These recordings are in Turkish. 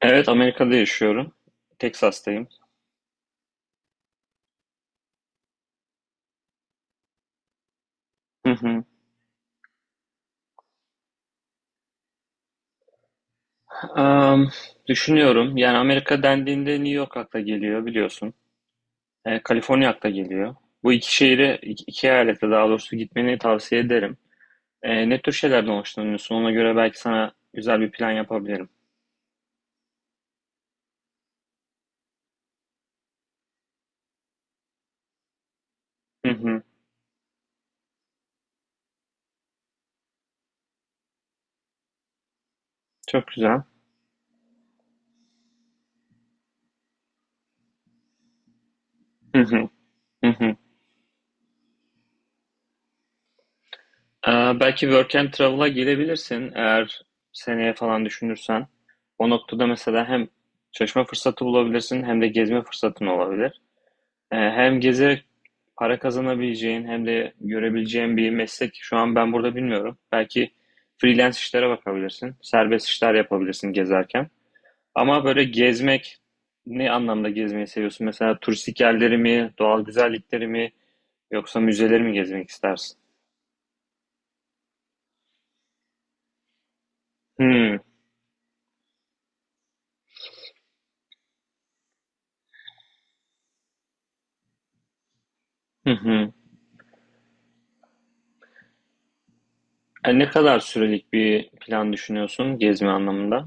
Evet, Amerika'da yaşıyorum. Texas'tayım. Hı hı. Am, düşünüyorum. Yani Amerika dendiğinde New York akla geliyor biliyorsun. Kaliforniya akla geliyor. Bu 2 şehire, iki eyalete daha doğrusu gitmeni tavsiye ederim. Ne tür şeylerden hoşlanıyorsun? Ona göre belki sana güzel bir plan yapabilirim. Hı hı. Çok güzel. Hı hı. Hı hı. Belki Work and Travel'a gelebilirsin eğer seneye falan düşünürsen. O noktada mesela hem çalışma fırsatı bulabilirsin hem de gezme fırsatın olabilir. Hem gezerek para kazanabileceğin hem de görebileceğin bir meslek şu an ben burada bilmiyorum. Belki freelance işlere bakabilirsin. Serbest işler yapabilirsin gezerken. Ama böyle gezmek ne anlamda gezmeyi seviyorsun? Mesela turistik yerleri mi, doğal güzellikleri mi yoksa müzeleri mi gezmek istersin? Hmm. Hı hı. Ne kadar sürelik bir plan düşünüyorsun gezme anlamında?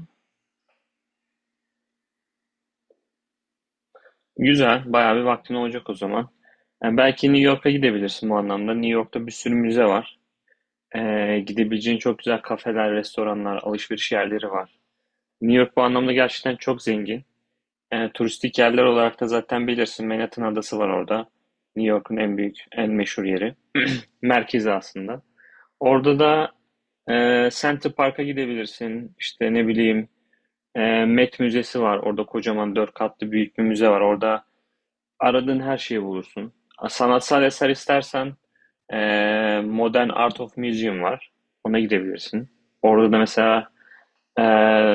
Güzel, bayağı bir vaktin olacak o zaman. Yani belki New York'a gidebilirsin bu anlamda. New York'ta bir sürü müze var. Gidebileceğin çok güzel kafeler, restoranlar, alışveriş yerleri var. New York bu anlamda gerçekten çok zengin. Turistik yerler olarak da zaten bilirsin Manhattan Adası var orada. New York'un en büyük, en meşhur yeri. Merkezi aslında. Orada da Central Park'a gidebilirsin. İşte ne bileyim, Met Müzesi var. Orada kocaman 4 katlı büyük bir müze var. Orada aradığın her şeyi bulursun. Sanatsal eser istersen e, Modern Art of Museum var. Ona gidebilirsin. Orada da mesela Ee,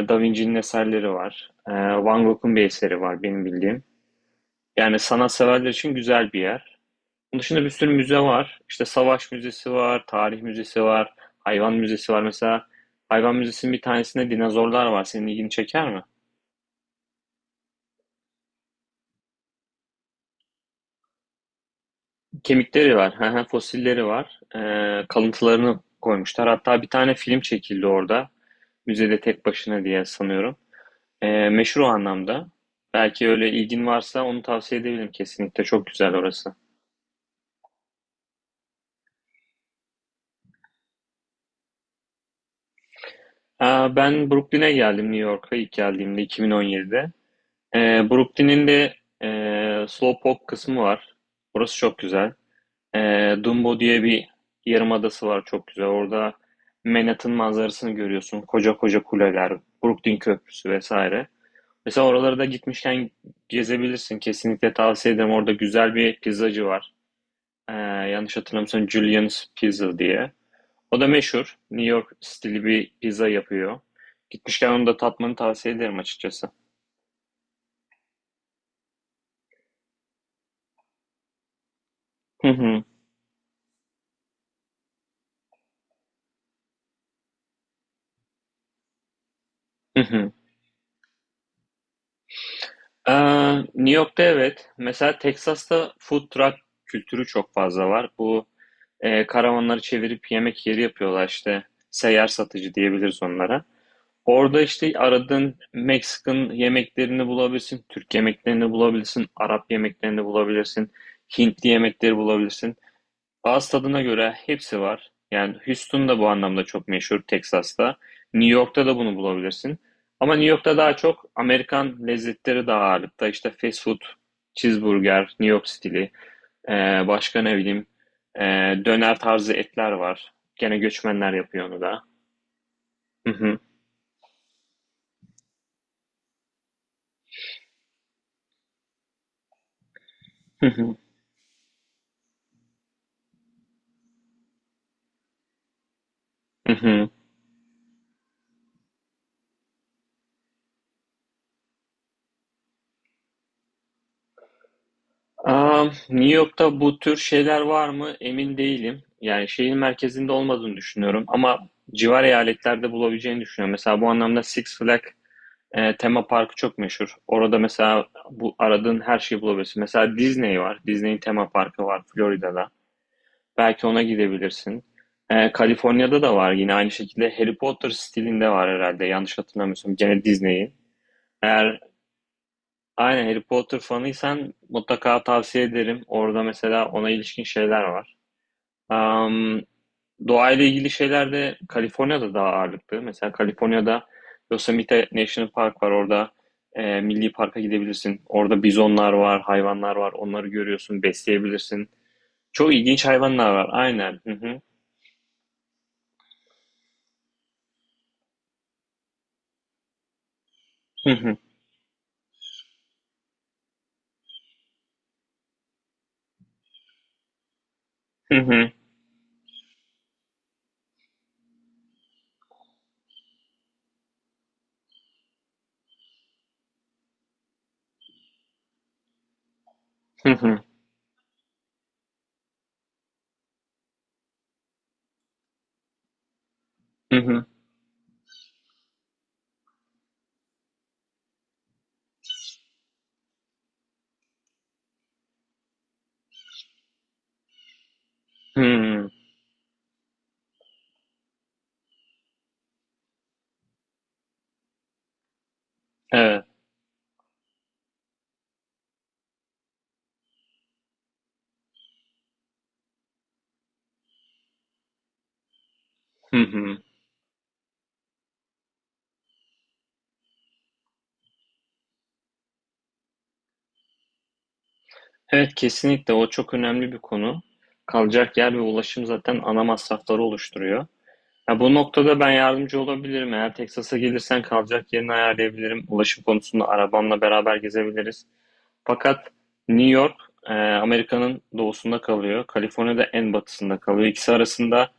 Da Vinci'nin eserleri var. Van Gogh'un bir eseri var benim bildiğim. Yani sanatseverler için güzel bir yer. Onun dışında bir sürü müze var. İşte Savaş Müzesi var, Tarih Müzesi var, Hayvan Müzesi var. Mesela Hayvan Müzesi'nin bir tanesinde dinozorlar var. Senin ilgini çeker mi? Kemikleri var, fosilleri var. Kalıntılarını koymuşlar. Hatta bir tane film çekildi orada. Müzede tek başına diye sanıyorum. Meşhur o anlamda. Belki öyle ilgin varsa onu tavsiye edebilirim kesinlikle. Çok güzel orası. Ben Brooklyn'e geldim New York'a ilk geldiğimde 2017'de. Brooklyn'in de Slowpoke kısmı var. Burası çok güzel. Dumbo diye bir yarımadası var çok güzel. Orada Manhattan manzarasını görüyorsun. Koca koca kuleler, Brooklyn Köprüsü vesaire. Mesela oralara da gitmişken gezebilirsin. Kesinlikle tavsiye ederim. Orada güzel bir pizzacı var. Ee, yanlış hatırlamıyorsam Julian's Pizza diye. O da meşhur. New York stili bir pizza yapıyor. Gitmişken onu da tatmanı tavsiye ederim açıkçası. Hı hı. Hı hı. New York'ta evet. Mesela Texas'ta food truck kültürü çok fazla var. Bu karavanları çevirip yemek yeri yapıyorlar işte. Seyyar satıcı diyebiliriz onlara. Orada işte aradığın Meksikan yemeklerini bulabilirsin, Türk yemeklerini bulabilirsin, Arap yemeklerini bulabilirsin, Hintli yemekleri bulabilirsin. Ağız tadına göre hepsi var. Yani Houston da bu anlamda çok meşhur Texas'ta. New York'ta da bunu bulabilirsin. Ama New York'ta daha çok Amerikan lezzetleri daha ağırlıkta. İşte fast food, cheeseburger, New York stili, başka ne bileyim, ee, döner tarzı etler var. Gene göçmenler yapıyor onu da. Hı hı. Hı hı. Hı hı. Aa, New York'ta bu tür şeyler var mı? Emin değilim. Yani şehir merkezinde olmadığını düşünüyorum ama civar eyaletlerde bulabileceğini düşünüyorum. Mesela bu anlamda Six Flags tema parkı çok meşhur. Orada mesela bu aradığın her şeyi bulabilirsin. Mesela Disney var. Disney'in tema parkı var Florida'da. Belki ona gidebilirsin. Kaliforniya'da da var yine aynı şekilde Harry Potter stilinde var herhalde. Yanlış hatırlamıyorsam gene Disney'in. Eğer aynen Harry Potter fanıysan mutlaka tavsiye ederim. Orada mesela ona ilişkin şeyler var. Am, doğayla ilgili şeyler de Kaliforniya'da daha ağırlıklı. Mesela Kaliforniya'da Yosemite National Park var. Orada milli parka gidebilirsin. Orada bizonlar var, hayvanlar var. Onları görüyorsun, besleyebilirsin. Çok ilginç hayvanlar var. Aynen. Hı hı. Hı hı. Hı hı. Hı hı. Hı hı. Hı hı. Evet. Hı hı. Evet, kesinlikle o çok önemli bir konu. Kalacak yer ve ulaşım zaten ana masrafları oluşturuyor. Ya bu noktada ben yardımcı olabilirim. Eğer Texas'a gelirsen kalacak yerini ayarlayabilirim. Ulaşım konusunda arabamla beraber gezebiliriz. Fakat New York Amerika'nın doğusunda kalıyor. Kaliforniya'da en batısında kalıyor. İkisi arasında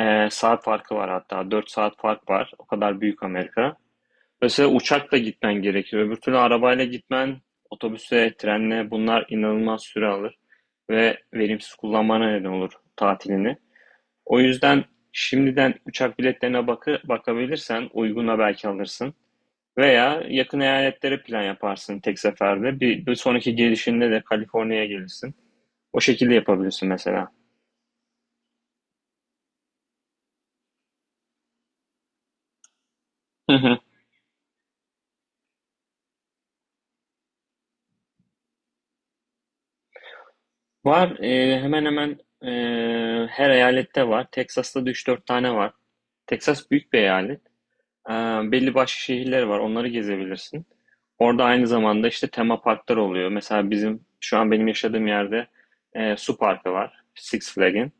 saat farkı var hatta. 4 saat fark var. O kadar büyük Amerika. Mesela uçakla gitmen gerekiyor. Öbür türlü arabayla gitmen, otobüse, trenle bunlar inanılmaz süre alır ve verimsiz kullanmana neden olur tatilini. O yüzden şimdiden uçak biletlerine bakabilirsen uyguna belki alırsın. Veya yakın eyaletlere plan yaparsın tek seferde. Bir sonraki gelişinde de Kaliforniya'ya gelirsin. O şekilde yapabilirsin mesela. Hı hı. Var, hemen hemen her eyalette var. Texas'ta da 3-4 tane var. Texas büyük bir eyalet. Ee, belli başka şehirler var. Onları gezebilirsin. Orada aynı zamanda işte tema parklar oluyor. Mesela bizim şu an benim yaşadığım yerde su parkı var. Six Flag'in.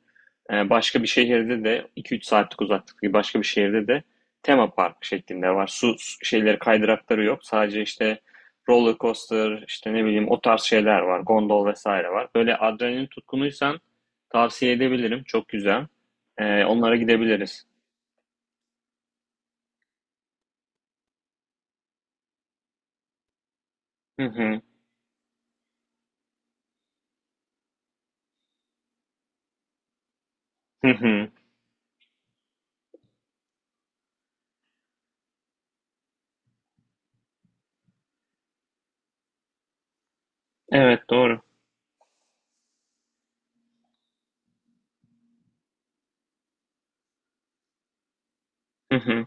Başka bir şehirde de 2-3 saatlik uzaklıktaki başka bir şehirde de tema park şeklinde var. Su şeyleri kaydırakları yok. Sadece işte roller coaster, işte ne bileyim o tarz şeyler var. Gondol vesaire var. Böyle adrenalin tutkunuysan tavsiye edebilirim. Çok güzel. Onlara gidebiliriz. Hı hı. Hı hı. Evet, doğru. Hı hı.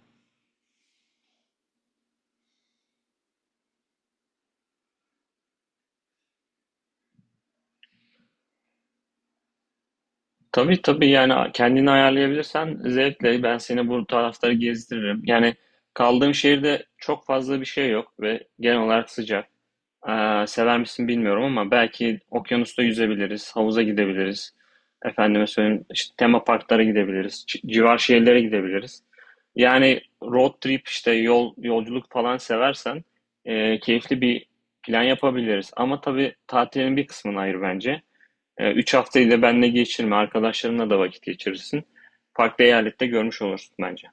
Tabii tabii, yani kendini ayarlayabilirsen zevkle ben seni bu tarafları gezdiririm. Yani kaldığım şehirde çok fazla bir şey yok ve genel olarak sıcak. Sever misin bilmiyorum ama belki okyanusta yüzebiliriz, havuza gidebiliriz. Efendime söyleyeyim işte tema parklara gidebiliriz, civar şehirlere gidebiliriz. Yani road trip, işte yol yolculuk falan seversen keyifli bir plan yapabiliriz. Ama tabii tatilin bir kısmını ayır bence. 3 haftayı da benle geçirme. Arkadaşlarınla da vakit geçirirsin. Farklı eyalette görmüş olursun bence.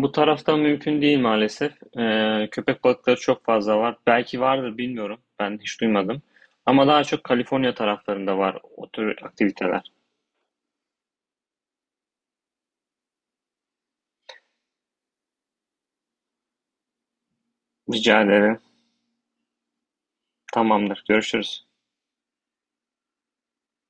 Bu tarafta mümkün değil maalesef. Köpek balıkları çok fazla var. Belki vardır bilmiyorum. Ben hiç duymadım. Ama daha çok Kaliforniya taraflarında var o tür aktiviteler. Rica ederim. Tamamdır. Görüşürüz.